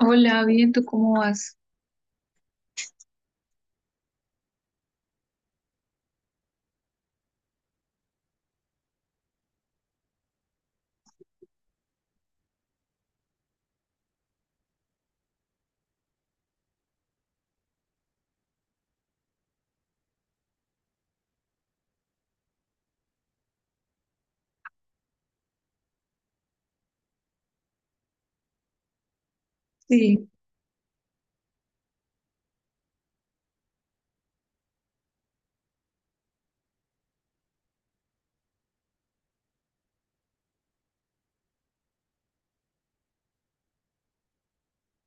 Hola, bien, ¿tú cómo vas? Sí.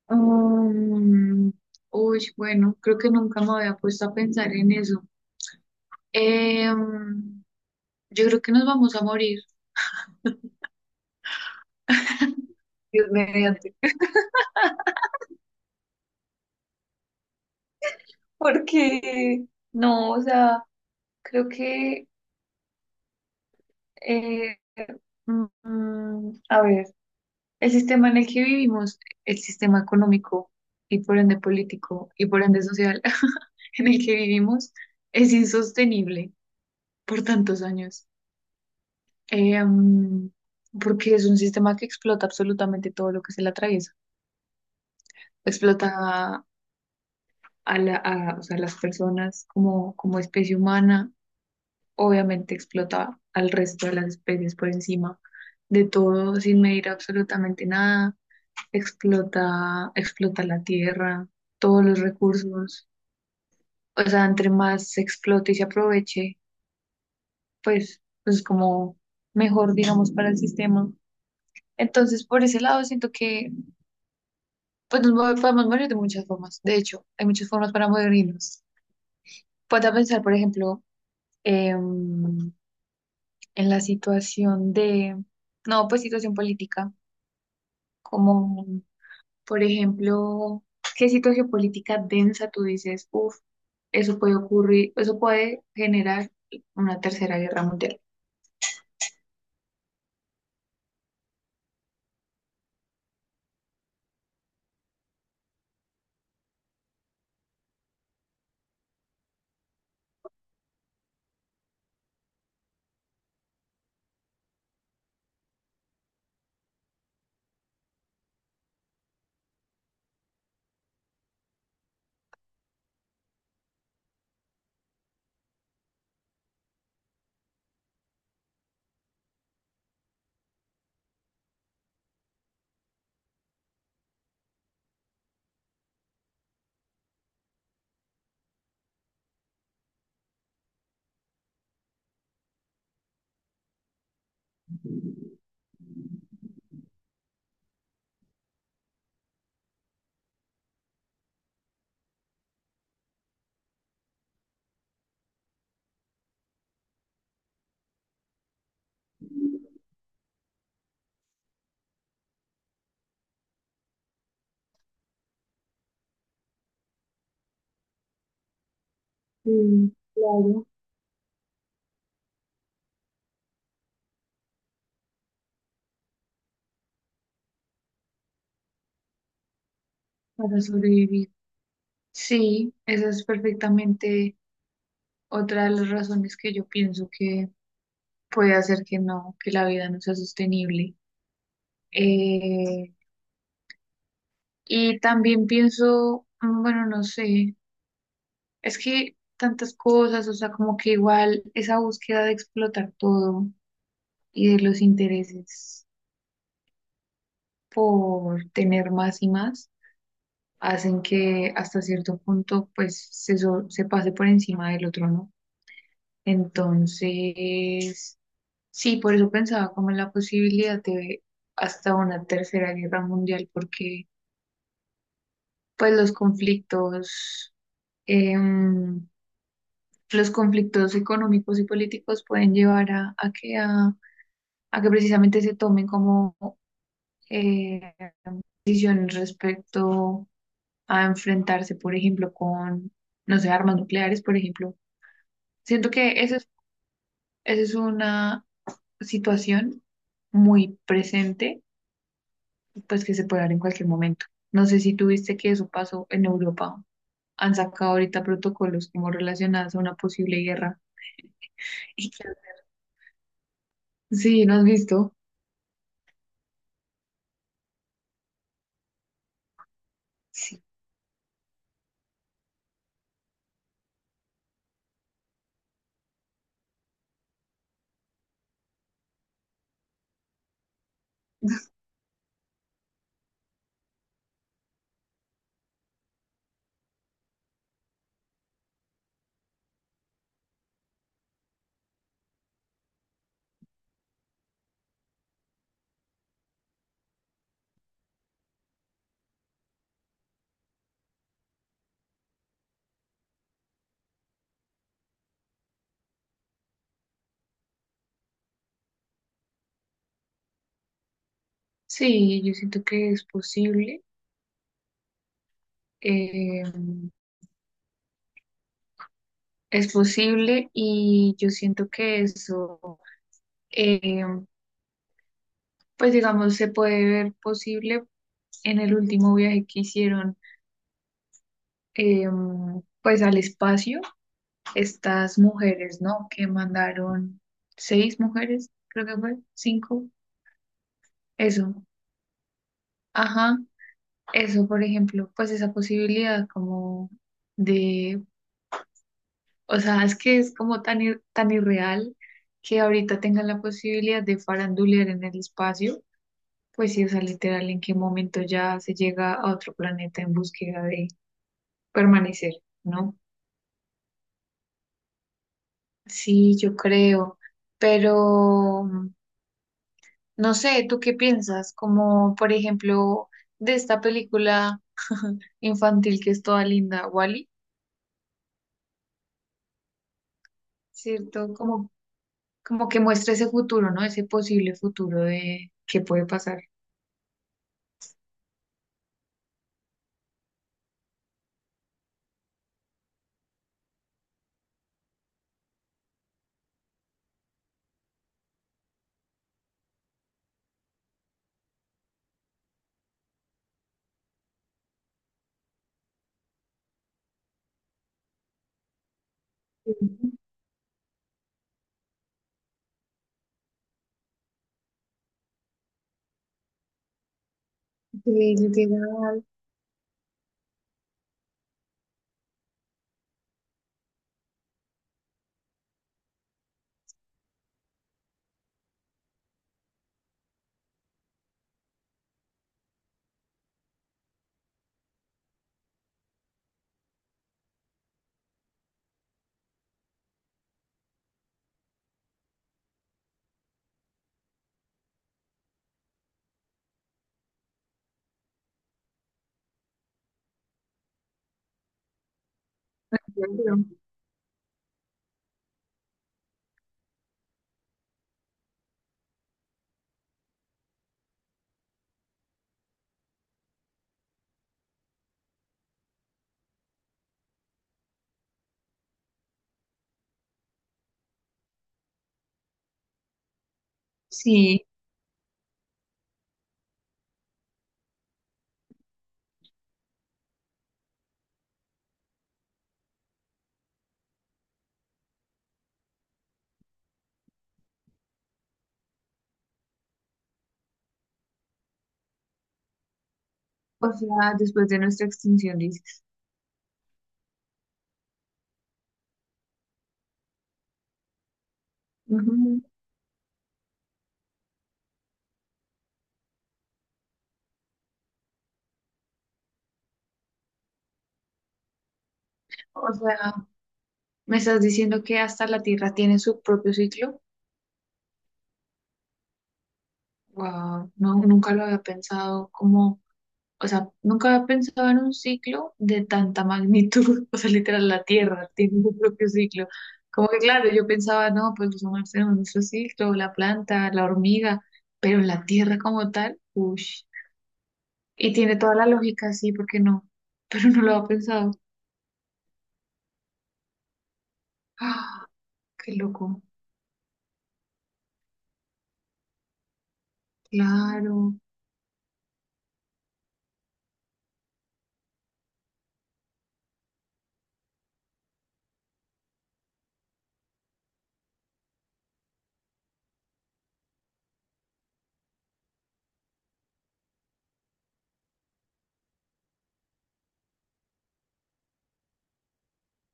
Um, Uy, bueno, creo que nunca me había puesto a pensar en eso. Em, yo creo que nos vamos a morir, Dios mediante. Porque, no, o sea, creo que, eh, a ver, el sistema en el que vivimos, el sistema económico y por ende político y por ende social en el que vivimos, es insostenible por tantos años. Em, Porque es un sistema que explota absolutamente todo lo que se le atraviesa. Explota o sea, las personas como especie humana, obviamente explota al resto de las especies por encima de todo, sin medir absolutamente nada. Explota, explota la tierra, todos los recursos. O sea, entre más se explote y se aproveche, pues como mejor, digamos, para el sistema. Entonces, por ese lado, siento que pues podemos morir de muchas formas. De hecho, hay muchas formas para morirnos. Puedo pensar, por ejemplo, em, en la situación no, pues situación política, como, por ejemplo, ¿qué situación política densa tú dices? Uf, eso puede ocurrir, eso puede generar una tercera guerra mundial. Mm, claro, para sobrevivir. Sí, esa es perfectamente otra de las razones que yo pienso que puede hacer que no, que la vida no sea sostenible. Eh, y también pienso, bueno, no sé, es que tantas cosas, o sea, como que igual esa búsqueda de explotar todo y de los intereses por tener más y más, hacen que hasta cierto punto pues se pase por encima del otro, ¿no? Entonces, sí, por eso pensaba como en la posibilidad de hasta una tercera guerra mundial, porque pues los conflictos, em, los conflictos económicos y políticos pueden llevar a que precisamente se tomen como eh, decisiones respecto a enfrentarse, por ejemplo, con, no sé, armas nucleares, por ejemplo. Siento que esa es una situación muy presente, pues que se puede dar en cualquier momento. No sé si tuviste que eso pasó en Europa, han sacado ahorita protocolos como relacionados a una posible guerra. Y que- Sí, ¿no has visto? Sí. Sí, yo siento que es posible. eh, es posible y yo siento que eso, eh, pues digamos, se puede ver posible en el último viaje que hicieron, eh, pues al espacio, estas mujeres, ¿no? Que mandaron seis mujeres, creo que fue, cinco, eso. Ajá. Eso, por ejemplo, pues esa posibilidad como de, o sea, es que es como tan irreal que ahorita tengan la posibilidad de farandulear en el espacio, pues sí, o sea, literal, en qué momento ya se llega a otro planeta en búsqueda de permanecer, ¿no? Sí, yo creo, pero no sé, ¿tú qué piensas? Como, por ejemplo, de esta película infantil que es toda linda, Wally, ¿cierto? Como como que muestra ese futuro, ¿no? Ese posible futuro de qué puede pasar. Sí, literal. Claro. Sí, o sea, después de nuestra extinción, dices. Ujú. O sea, me estás diciendo que hasta la Tierra tiene su propio ciclo. Wow, no, nunca lo había pensado como. O sea, nunca había pensado en un ciclo de tanta magnitud. O sea, literal, la Tierra tiene su propio ciclo. Como que claro, yo pensaba, no, pues los humanos tenemos nuestro ciclo, la planta, la hormiga, pero la Tierra como tal, uff. Y tiene toda la lógica, sí, ¿porque no? Pero no lo había pensado. ¡Ah! ¡Qué loco! Claro.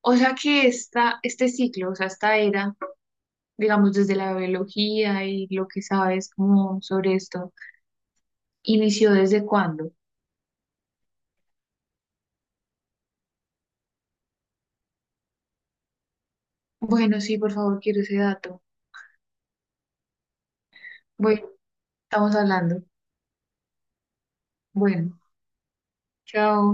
O sea que esta, este ciclo, o sea, esta era, digamos, desde la biología y lo que sabes como sobre esto, ¿inició desde cuándo? Bueno, sí, por favor, quiero ese dato. Bueno, estamos hablando. Bueno, chao.